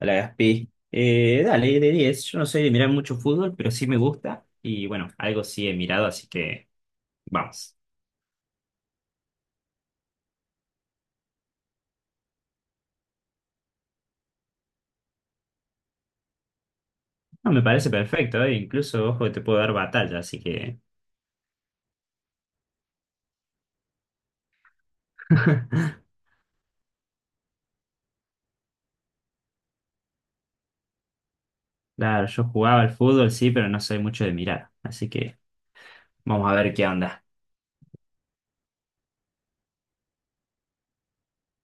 A Gaspi. Dale, de 10. Yo no soy de mirar mucho fútbol, pero sí me gusta. Y bueno, algo sí he mirado, así que vamos. No, me parece perfecto, incluso, ojo, que te puedo dar batalla, así que. Claro, yo jugaba al fútbol, sí, pero no soy mucho de mirar. Así que vamos a ver qué onda.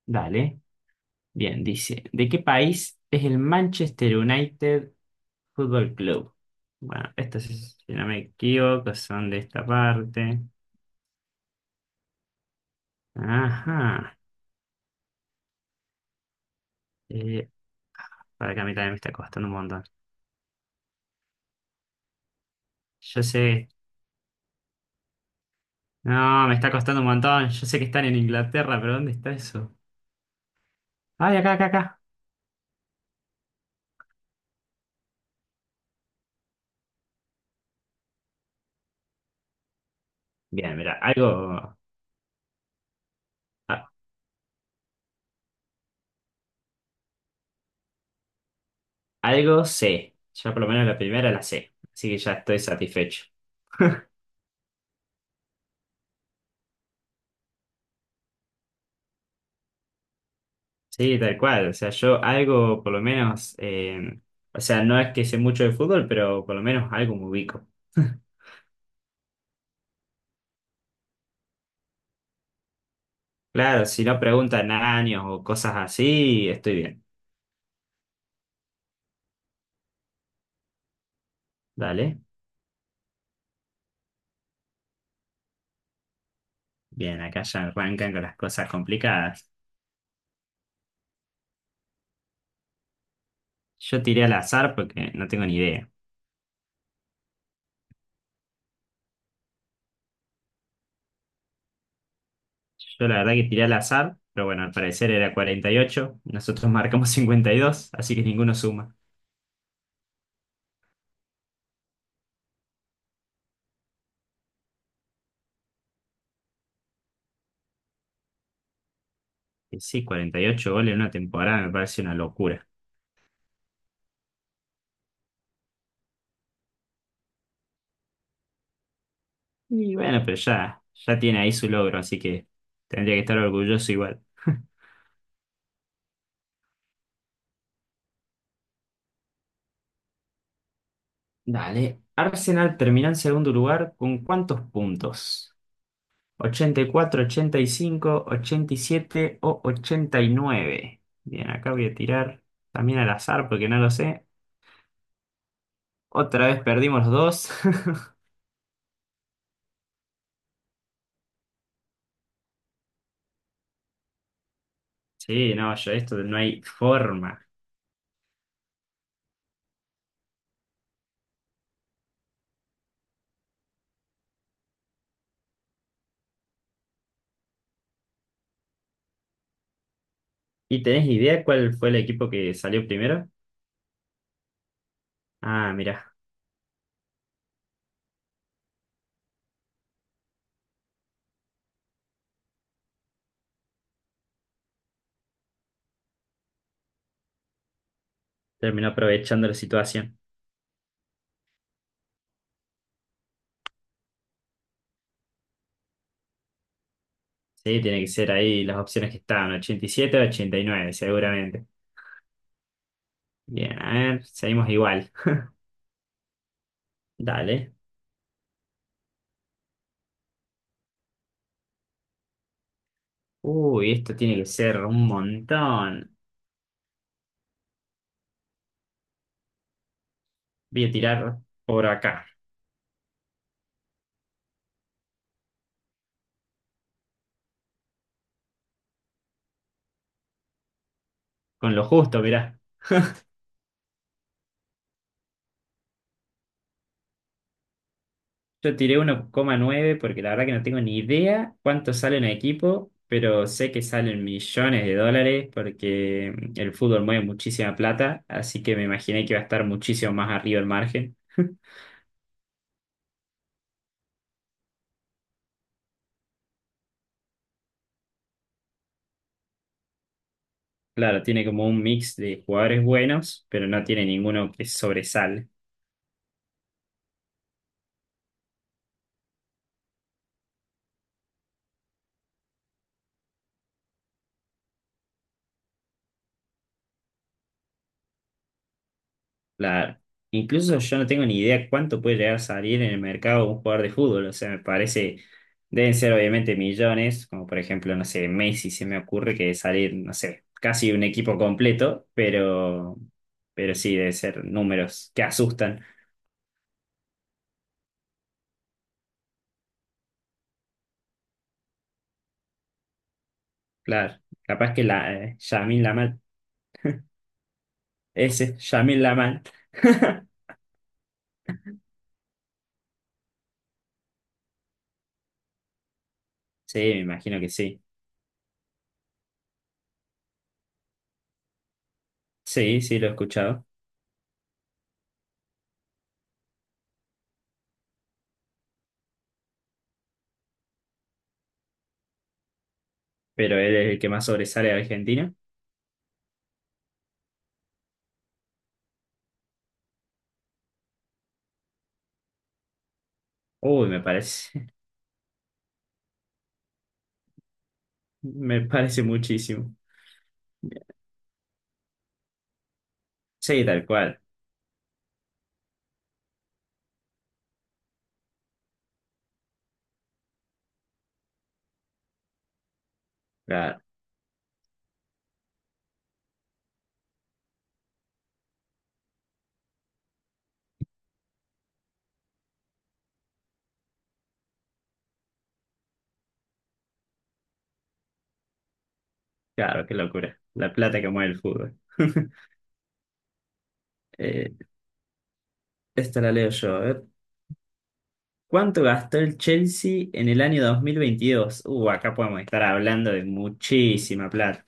Dale. Bien, dice, ¿de qué país es el Manchester United Football Club? Bueno, estos, si no me equivoco, son de esta parte. Ajá. Eh, para que a mí también me está costando un montón. Yo sé. No, me está costando un montón. Yo sé que están en Inglaterra, pero ¿dónde está eso? Ay, acá, acá, acá. Bien, mira, a- algo sé. Ya por lo menos la primera la sé. Así que ya estoy satisfecho. Sí, tal cual. O sea, yo algo, por lo menos, o sea, no es que sé mucho de fútbol, pero por lo menos algo me ubico. Claro, si no preguntan años o cosas así, estoy bien. Dale. Bien, acá ya arrancan con las cosas complicadas. Yo tiré al azar porque no tengo ni idea. Yo la verdad que tiré al azar, pero bueno, al parecer era 48. Nosotros marcamos 52, así que ninguno suma. Y sí, 48 goles en una temporada me parece una locura. Y bueno, pero ya, ya tiene ahí su logro, así que tendría que estar orgulloso igual. Dale, Arsenal terminó en segundo lugar con ¿cuántos puntos? Ochenta y cuatro, 85, 87 o 89. Bien, acá voy a tirar también al azar porque no lo sé. Otra vez perdimos los dos. Sí, no, yo esto no hay forma. ¿Y tenés idea cuál fue el equipo que salió primero? Ah, mira, terminó aprovechando la situación. Sí, tiene que ser ahí las opciones que estaban, 87 o 89, seguramente. Bien, a ver, seguimos igual. Dale. Uy, esto tiene que ser un montón. Voy a tirar por acá, con lo justo, mirá. Yo tiré 1,9 porque la verdad que no tengo ni idea cuánto sale un equipo, pero sé que salen millones de dólares porque el fútbol mueve muchísima plata, así que me imaginé que iba a estar muchísimo más arriba el margen. Claro, tiene como un mix de jugadores buenos, pero no tiene ninguno que sobresale. Claro. Incluso yo no tengo ni idea cuánto puede llegar a salir en el mercado un jugador de fútbol. O sea, me parece, deben ser obviamente millones, como por ejemplo, no sé, Messi se me ocurre que salir, no sé, casi un equipo completo, pero sí, deben ser números que asustan. Claro. Capaz que la, Lamán, Lamal, ese, Lamán Lamal. Sí, me imagino que sí. Sí, sí, lo he escuchado. Pero él es el que más sobresale de Argentina. Uy, me parece, me parece muchísimo. Sí, tal cual. Claro, claro, qué locura. La plata que mueve el fútbol. Eh, esta la leo yo. A ver. ¿Cuánto gastó el Chelsea en el año 2022? Acá podemos estar hablando de muchísima plata.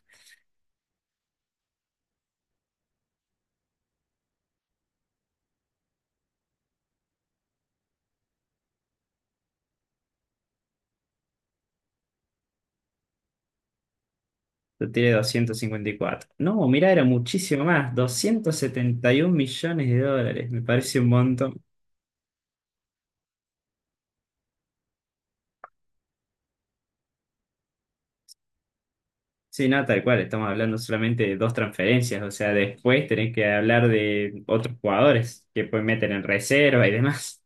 Yo tiré 254. No, mirá, era muchísimo más. 271 millones de dólares. Me parece un montón. Sí, no, tal cual. Estamos hablando solamente de dos transferencias. O sea, después tenés que hablar de otros jugadores que pueden meter en reserva y demás.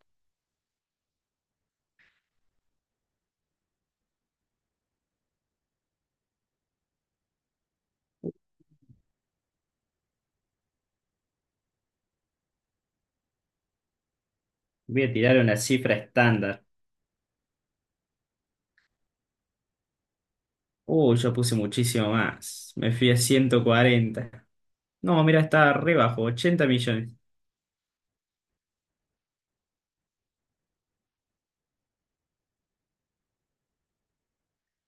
Voy a tirar una cifra estándar. Uy, yo puse muchísimo más. Me fui a 140. No, mira, estaba re bajo, 80 millones.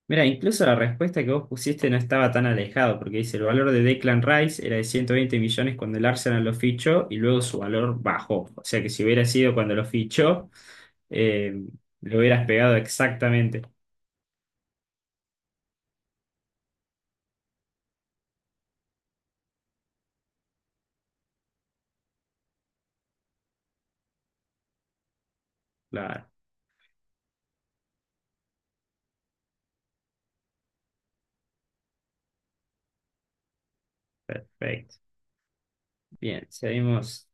Mira, incluso la respuesta que vos pusiste no estaba tan alejado, porque dice, el valor de Declan Rice era de 120 millones cuando el Arsenal lo fichó y luego su valor bajó. O sea que si hubiera sido cuando lo fichó, eh, lo hubieras pegado exactamente. Claro, perfecto. Bien, seguimos.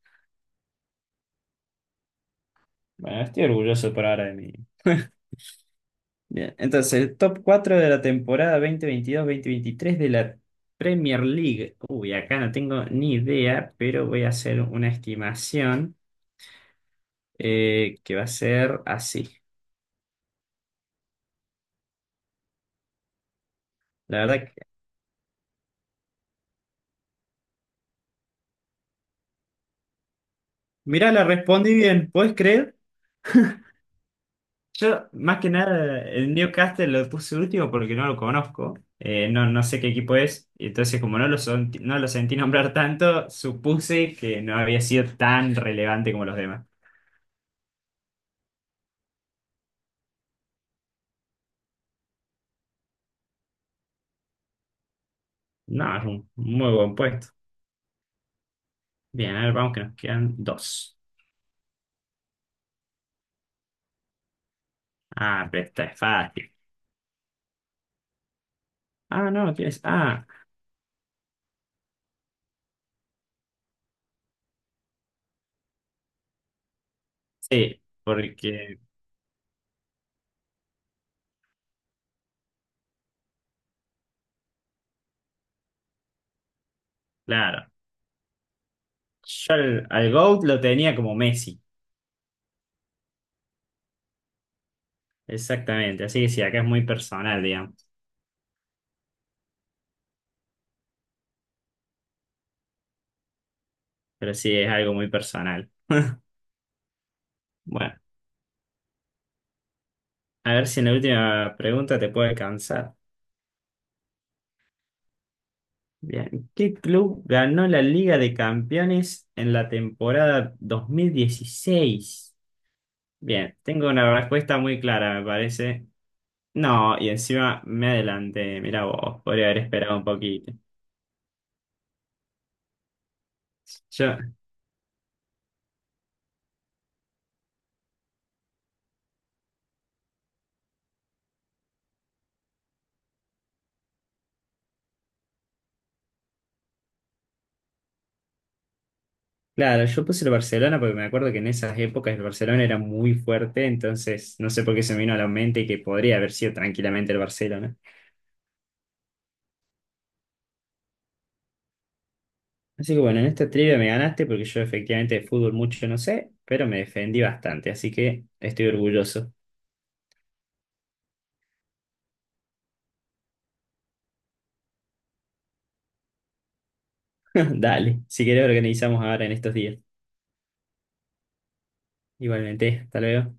Bueno, estoy orgulloso por ahora de mí. Bien, entonces el top 4 de la temporada 2022 veintitrés de la Premier League. Uy, acá no tengo ni idea, pero voy a hacer una estimación que va a ser así. La verdad que. Mirá, la respondí bien, ¿puedes creer? Yo, más que nada, el Newcastle lo puse último porque no lo conozco. No, no sé qué equipo es. Entonces, como no lo sentí nombrar tanto, supuse que no había sido tan relevante como los demás. No, es un muy buen puesto. Bien, a ver, vamos que nos quedan dos. Ah, pero esta es fácil. Ah, no, tienes. Ah, sí, porque, claro. Yo al GOAT lo tenía como Messi. Exactamente. Así que sí, acá es muy personal, digamos. Pero sí, es algo muy personal. Bueno. A ver si en la última pregunta te puedo alcanzar. Bien. ¿Qué club ganó la Liga de Campeones en la temporada 2016? Bien, tengo una respuesta muy clara, me parece. No, y encima me adelanté. Mirá vos, podría haber esperado un poquito. Yo, claro, yo puse el Barcelona porque me acuerdo que en esas épocas el Barcelona era muy fuerte, entonces no sé por qué se me vino a la mente que podría haber sido tranquilamente el Barcelona. Así que bueno, en esta trivia me ganaste porque yo efectivamente de fútbol mucho no sé, pero me defendí bastante, así que estoy orgulloso. Dale, si querés organizamos ahora en estos días. Igualmente, hasta luego.